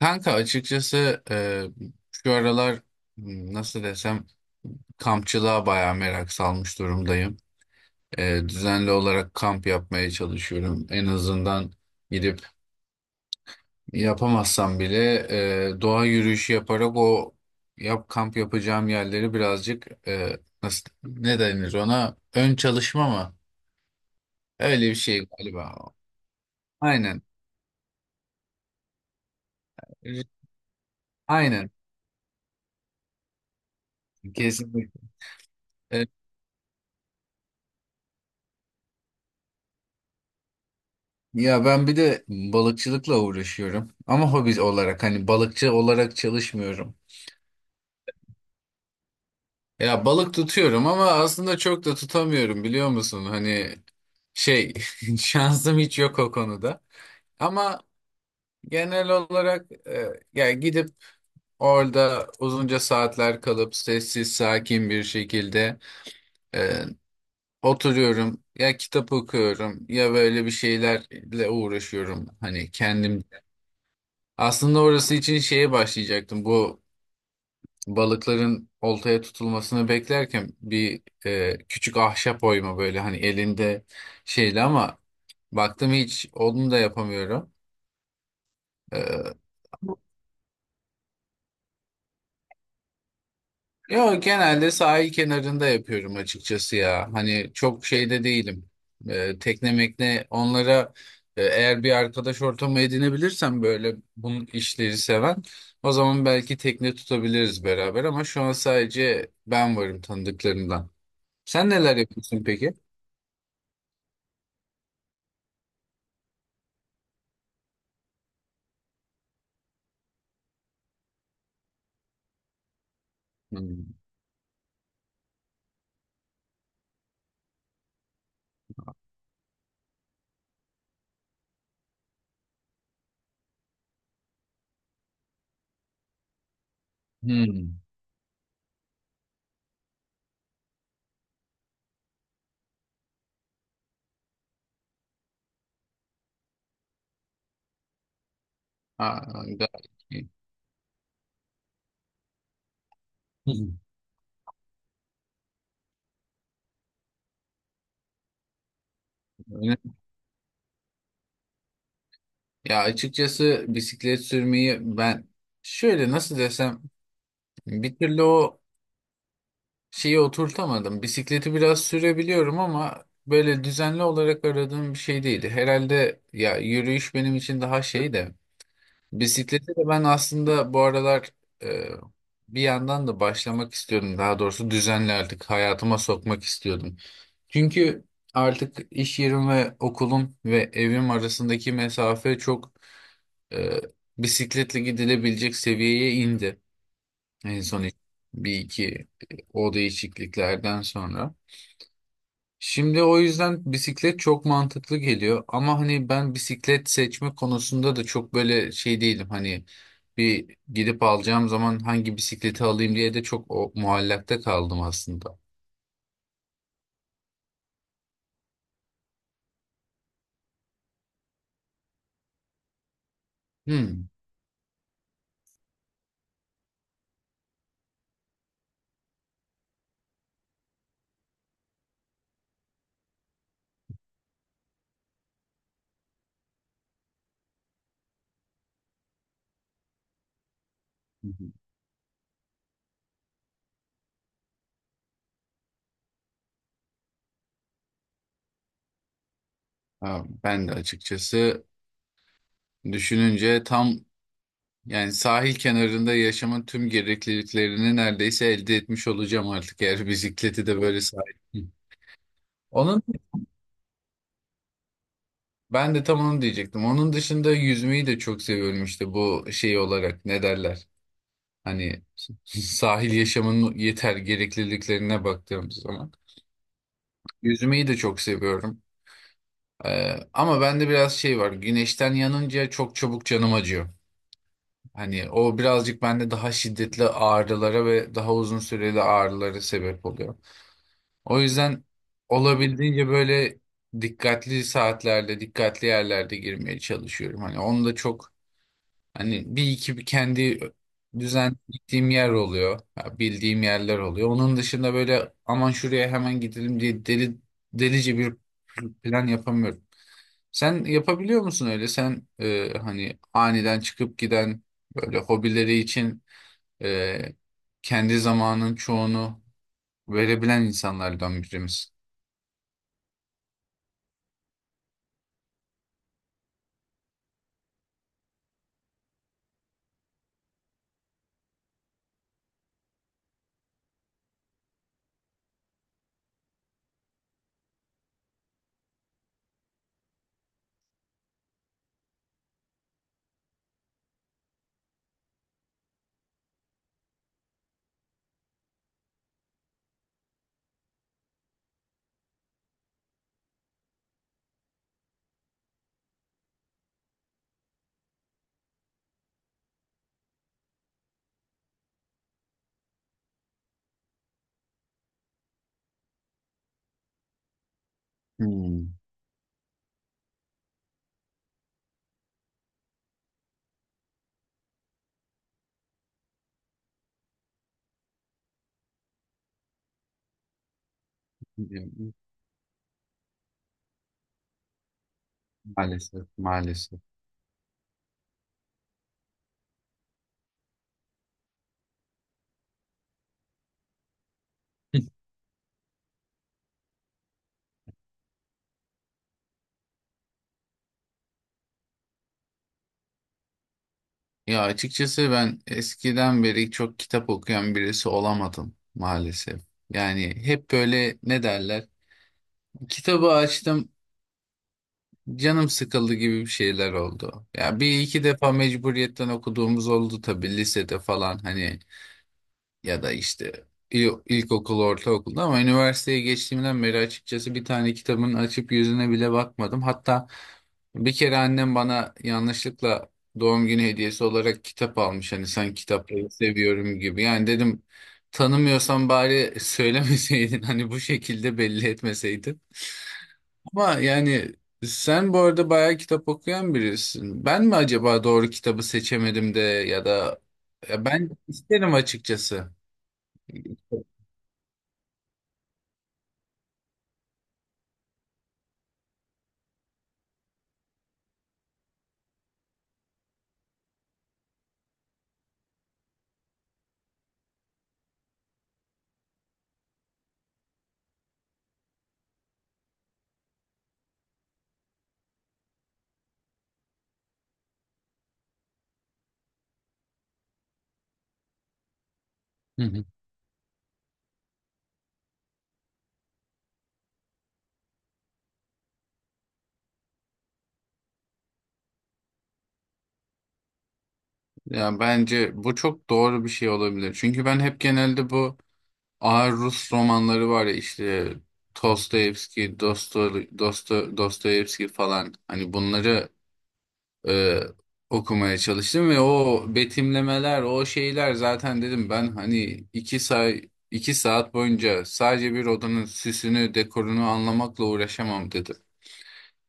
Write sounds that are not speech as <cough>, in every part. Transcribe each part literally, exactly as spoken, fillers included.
Kanka, açıkçası e, şu aralar m, nasıl desem kampçılığa bayağı merak salmış durumdayım. E, düzenli olarak kamp yapmaya çalışıyorum. En azından gidip yapamazsam bile e, doğa yürüyüşü yaparak o yap kamp yapacağım yerleri birazcık e, nasıl, ne denir ona, ön çalışma mı? Öyle bir şey galiba. Aynen. Aynen. Kesinlikle. Ya, ben bir de balıkçılıkla uğraşıyorum ama hobi olarak, hani balıkçı olarak çalışmıyorum. Ya balık tutuyorum ama aslında çok da tutamıyorum, biliyor musun? Hani şey <laughs> şansım hiç yok o konuda. Ama genel olarak e, ya gidip orada uzunca saatler kalıp sessiz sakin bir şekilde e, oturuyorum. Ya kitap okuyorum ya böyle bir şeylerle uğraşıyorum. Hani kendim aslında orası için şeye başlayacaktım, bu balıkların oltaya tutulmasını beklerken bir e, küçük ahşap oyma, böyle hani elinde şeyle, ama baktım hiç onu da yapamıyorum. E, Yo, genelde sahil kenarında yapıyorum açıkçası ya. Hani çok şeyde değilim. E, tekne mekne onlara e, eğer bir arkadaş ortamı edinebilirsem, böyle bunun işleri seven, o zaman belki tekne tutabiliriz beraber, ama şu an sadece ben varım tanıdıklarımdan. Sen neler yapıyorsun peki? Hmm. Hmm. Ha, gayet iyi. Hı hı. Öyle- Ya açıkçası bisiklet sürmeyi ben, şöyle nasıl desem, bir türlü o şeyi oturtamadım. Bisikleti biraz sürebiliyorum ama böyle düzenli olarak aradığım bir şey değildi. Herhalde ya, yürüyüş benim için daha şey de... Bisiklete de ben aslında bu aralar e, bir yandan da başlamak istiyordum. Daha doğrusu düzenli artık hayatıma sokmak istiyordum. Çünkü artık iş yerim ve okulum ve evim arasındaki mesafe çok e, bisikletle gidilebilecek seviyeye indi. En son bir iki e, o değişikliklerden sonra. Şimdi o yüzden bisiklet çok mantıklı geliyor, ama hani ben bisiklet seçme konusunda da çok böyle şey değilim. Hani bir gidip alacağım zaman, hangi bisikleti alayım diye de çok o, muallakta kaldım aslında. Hmm. Ha, ben de açıkçası düşününce tam, yani sahil kenarında yaşamın tüm gerekliliklerini neredeyse elde etmiş olacağım artık, eğer <laughs> bisikleti de böyle sahip. Onun Ben de tam onu diyecektim. Onun dışında yüzmeyi de çok seviyorum, işte bu şey olarak ne derler? Hani <laughs> sahil yaşamının yeter gerekliliklerine baktığımız zaman. Yüzmeyi de çok seviyorum. Ee, ama bende biraz şey var. Güneşten yanınca çok çabuk canım acıyor. Hani o birazcık bende daha şiddetli ağrılara ve daha uzun süreli ağrılara sebep oluyor. O yüzden olabildiğince böyle dikkatli saatlerde, dikkatli yerlerde girmeye çalışıyorum. Hani onu da çok... Hani bir iki, bir kendi düzen gittiğim yer oluyor. Ya bildiğim yerler oluyor. Onun dışında böyle, aman şuraya hemen gidelim diye, deli delice bir plan yapamıyorum. Sen yapabiliyor musun öyle? Sen e, hani aniden çıkıp giden böyle hobileri için e, kendi zamanın çoğunu verebilen insanlardan birimiz. Hmm. Maalesef, maalesef. Ya açıkçası ben eskiden beri çok kitap okuyan birisi olamadım maalesef. Yani hep böyle, ne derler? Kitabı açtım, canım sıkıldı gibi bir şeyler oldu. Ya bir iki defa mecburiyetten okuduğumuz oldu tabii, lisede falan hani, ya da işte il- ilkokul, ortaokulda, ama üniversiteye geçtiğimden beri açıkçası bir tane kitabın açıp yüzüne bile bakmadım. Hatta bir kere annem bana yanlışlıkla doğum günü hediyesi olarak kitap almış. Hani sen kitapları seviyorum gibi. Yani dedim, tanımıyorsan bari söylemeseydin <laughs> hani bu şekilde belli etmeseydin. Ama yani sen bu arada bayağı kitap okuyan birisin. Ben mi acaba doğru kitabı seçemedim de, ya da ya ben isterim açıkçası. Hı hı. Ya bence bu çok doğru bir şey olabilir. Çünkü ben hep genelde bu ağır Rus romanları var ya, işte Dostoyevski, Dosto, Dosto, Dostoyevski falan, hani bunları e, okumaya çalıştım ve o betimlemeler, o şeyler zaten, dedim ben hani iki say iki saat boyunca sadece bir odanın süsünü, dekorunu anlamakla uğraşamam dedim.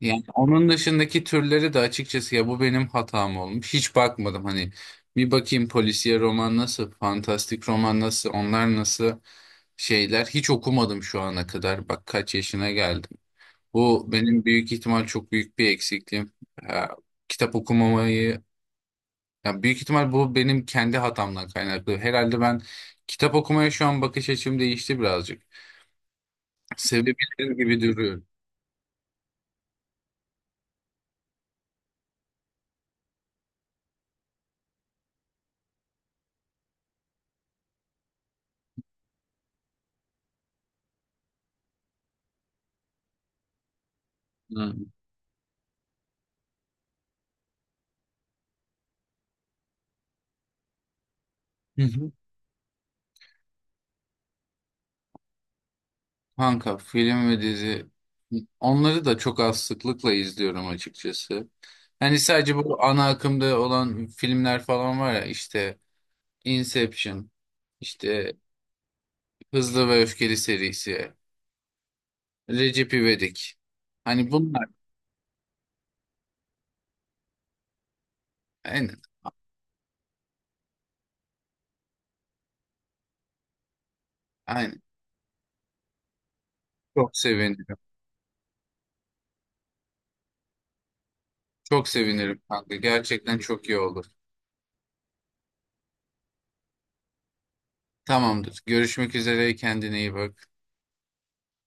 Yani onun dışındaki türleri de açıkçası, ya bu benim hatam olmuş. Hiç bakmadım, hani bir bakayım polisiye roman nasıl, fantastik roman nasıl, onlar nasıl şeyler, hiç okumadım şu ana kadar. Bak kaç yaşına geldim. Bu benim büyük ihtimal çok büyük bir eksikliğim. Ya, kitap okumamayı, ya büyük ihtimal bu benim kendi hatamdan kaynaklı. Herhalde ben kitap okumaya şu an bakış açım değişti birazcık. Sevebilirim gibi duruyor. Hı. <laughs> Kanka film ve dizi, onları da çok az sıklıkla izliyorum açıkçası. Hani sadece bu ana akımda olan filmler falan var ya, işte Inception, işte Hızlı ve Öfkeli serisi, Recep İvedik. Hani bunlar aynen, aynen. Çok sevinirim. Çok sevinirim kanka. Gerçekten çok iyi olur. Tamamdır. Görüşmek üzere. Kendine iyi bak.